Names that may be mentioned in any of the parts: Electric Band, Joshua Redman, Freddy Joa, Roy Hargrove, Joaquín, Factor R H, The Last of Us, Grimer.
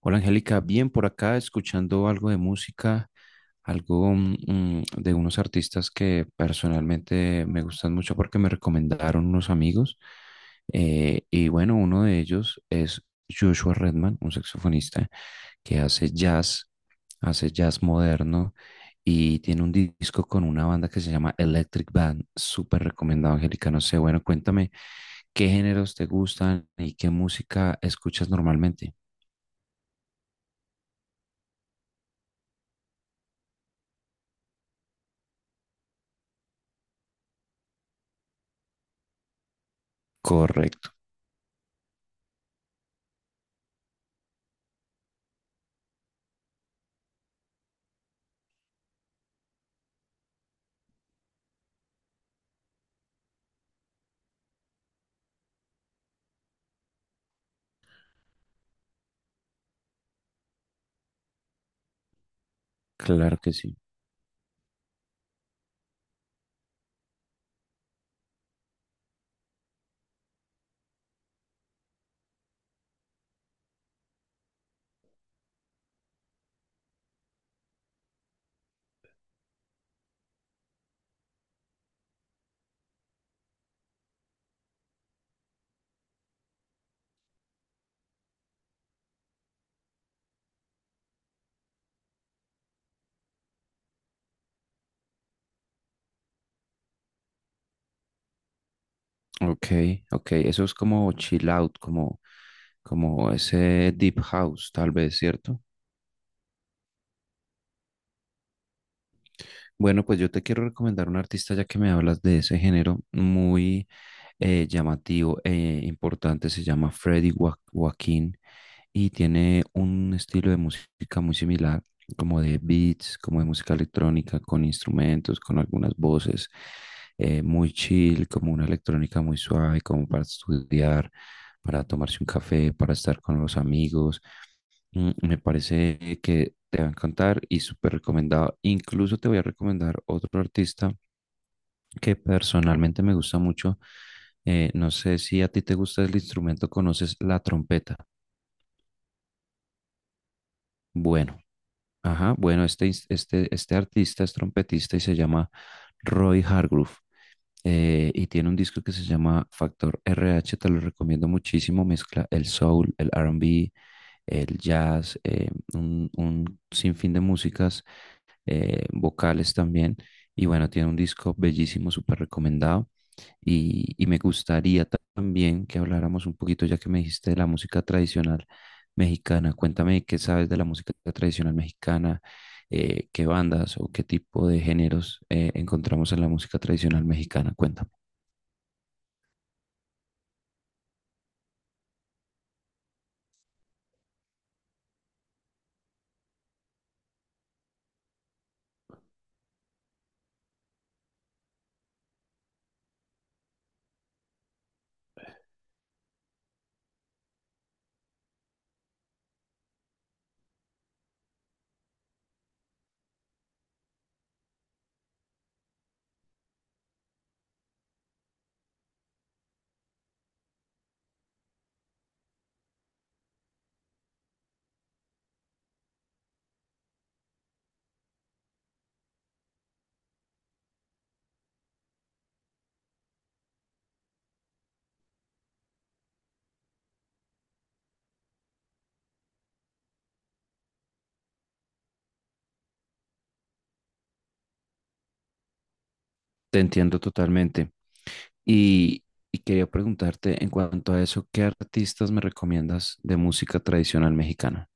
Hola Angélica, bien por acá escuchando algo de música, algo de unos artistas que personalmente me gustan mucho porque me recomendaron unos amigos. Y bueno, uno de ellos es Joshua Redman, un saxofonista que hace jazz moderno y tiene un disco con una banda que se llama Electric Band. Súper recomendado, Angélica. No sé, bueno, cuéntame qué géneros te gustan y qué música escuchas normalmente. Correcto. Claro que sí. Ok, ok. Eso es como chill out, como, como ese deep house, tal vez, ¿cierto? Bueno, pues yo te quiero recomendar un artista ya que me hablas de ese género muy llamativo e importante. Se llama Joaquín y tiene un estilo de música muy similar, como de beats, como de música electrónica, con instrumentos, con algunas voces, muy chill, como una electrónica muy suave, como para estudiar, para tomarse un café, para estar con los amigos. Me parece que te va a encantar y súper recomendado. Incluso te voy a recomendar otro artista que personalmente me gusta mucho. No sé si a ti te gusta el instrumento, conoces la trompeta. Bueno, ajá, bueno, este artista es trompetista y se llama Roy Hargrove. Y tiene un disco que se llama Factor R H, te lo recomiendo muchísimo. Mezcla el soul, el R&B, el jazz, un sinfín de músicas vocales también. Y bueno, tiene un disco bellísimo, súper recomendado. Y me gustaría también que habláramos un poquito, ya que me dijiste de la música tradicional mexicana. Cuéntame qué sabes de la música tradicional mexicana, qué bandas o qué tipo de géneros encontramos en la música tradicional mexicana. Cuéntame. Te entiendo totalmente. Y, y quería preguntarte en cuanto a eso, ¿qué artistas me recomiendas de música tradicional mexicana?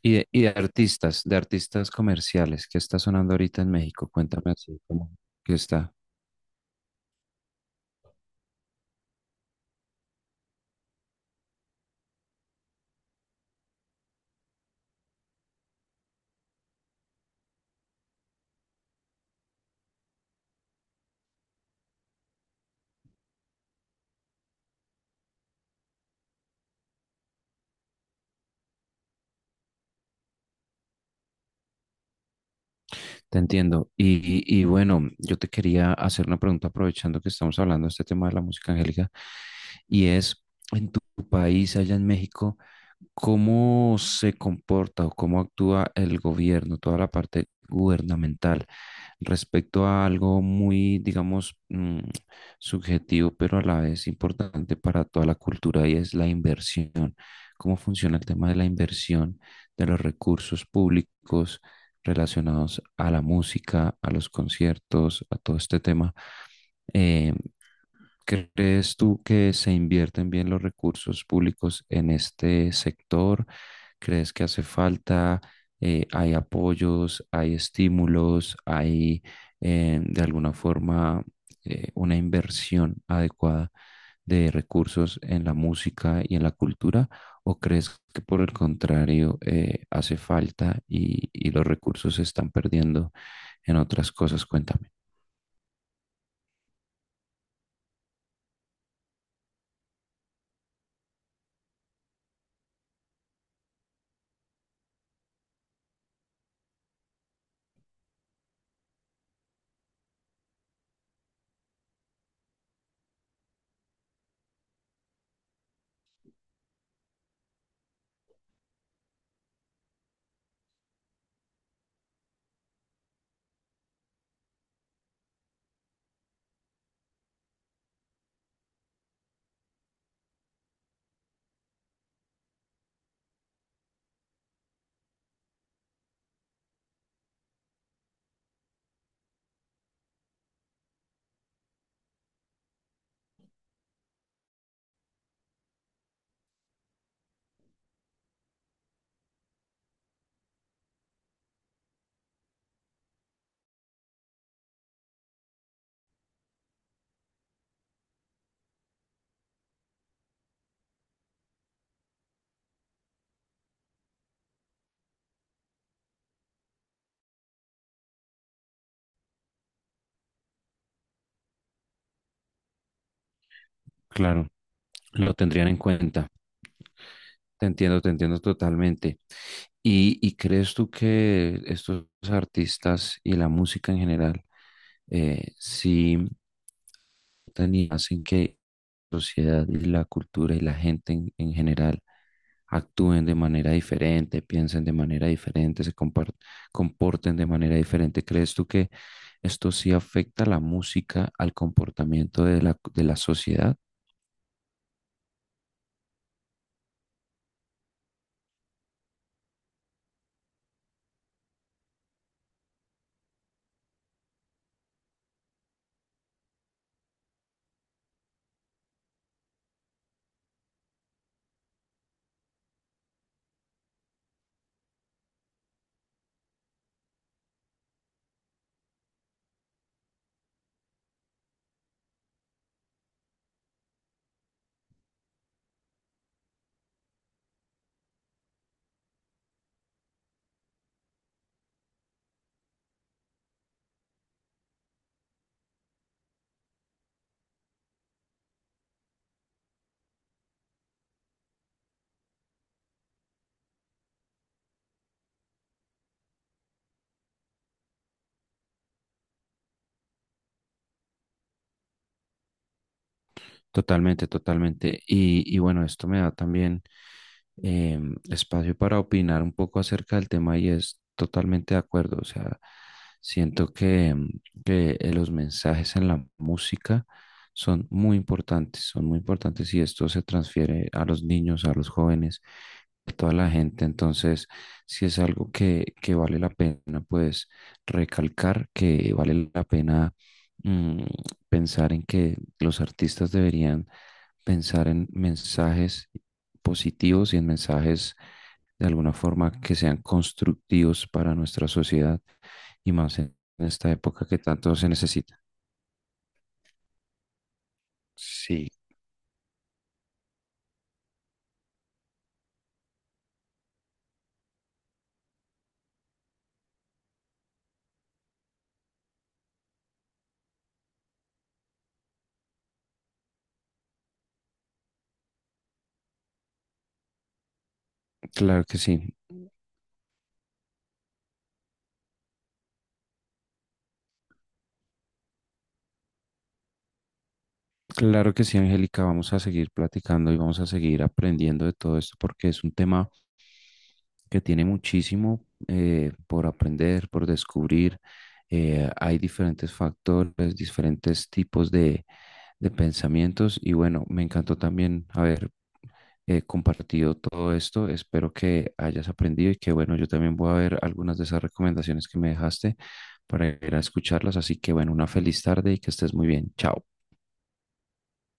Y de artistas comerciales, ¿qué está sonando ahorita en México? Cuéntame así como que está. Te entiendo. Y bueno, yo te quería hacer una pregunta aprovechando que estamos hablando de este tema de la música angélica. Y es, en tu país, allá en México, cómo se comporta o cómo actúa el gobierno, toda la parte gubernamental respecto a algo muy, digamos, subjetivo, pero a la vez importante para toda la cultura y es la inversión. ¿Cómo funciona el tema de la inversión de los recursos públicos relacionados a la música, a los conciertos, a todo este tema? eh, ¿Crees tú que se invierten bien los recursos públicos en este sector? ¿Crees que hace falta? Hay apoyos, hay estímulos, hay de alguna forma una inversión adecuada de recursos en la música y en la cultura? ¿O crees que por el contrario hace falta y los recursos se están perdiendo en otras cosas? Cuéntame. Claro, lo tendrían en cuenta. Te entiendo totalmente. ¿Y crees tú que estos artistas y la música en general, sí afectan y hacen que la sociedad y la cultura y la gente en general actúen de manera diferente, piensen de manera diferente, comporten de manera diferente? ¿Crees tú que esto sí afecta la música al comportamiento de la sociedad? Totalmente, totalmente. Y bueno, esto me da también espacio para opinar un poco acerca del tema y es totalmente de acuerdo. O sea, siento que, que los mensajes en la música son muy importantes y esto se transfiere a los niños, a los jóvenes, a toda la gente. Entonces, si es algo que vale la pena, pues recalcar que vale la pena. mm, Pensar en que los artistas deberían pensar en mensajes positivos y en mensajes de alguna forma que sean constructivos para nuestra sociedad y más en esta época que tanto se necesita. Sí, claro que sí. Claro que sí, Angélica, vamos a seguir platicando y vamos a seguir aprendiendo de todo esto porque es un tema que tiene muchísimo por aprender, por descubrir. Hay diferentes factores, diferentes tipos de pensamientos y bueno, me encantó también haber compartido todo esto. Espero que hayas aprendido y que bueno, yo también voy a ver algunas de esas recomendaciones que me dejaste para ir a escucharlas. Así que bueno, una feliz tarde y que estés muy bien. Chao.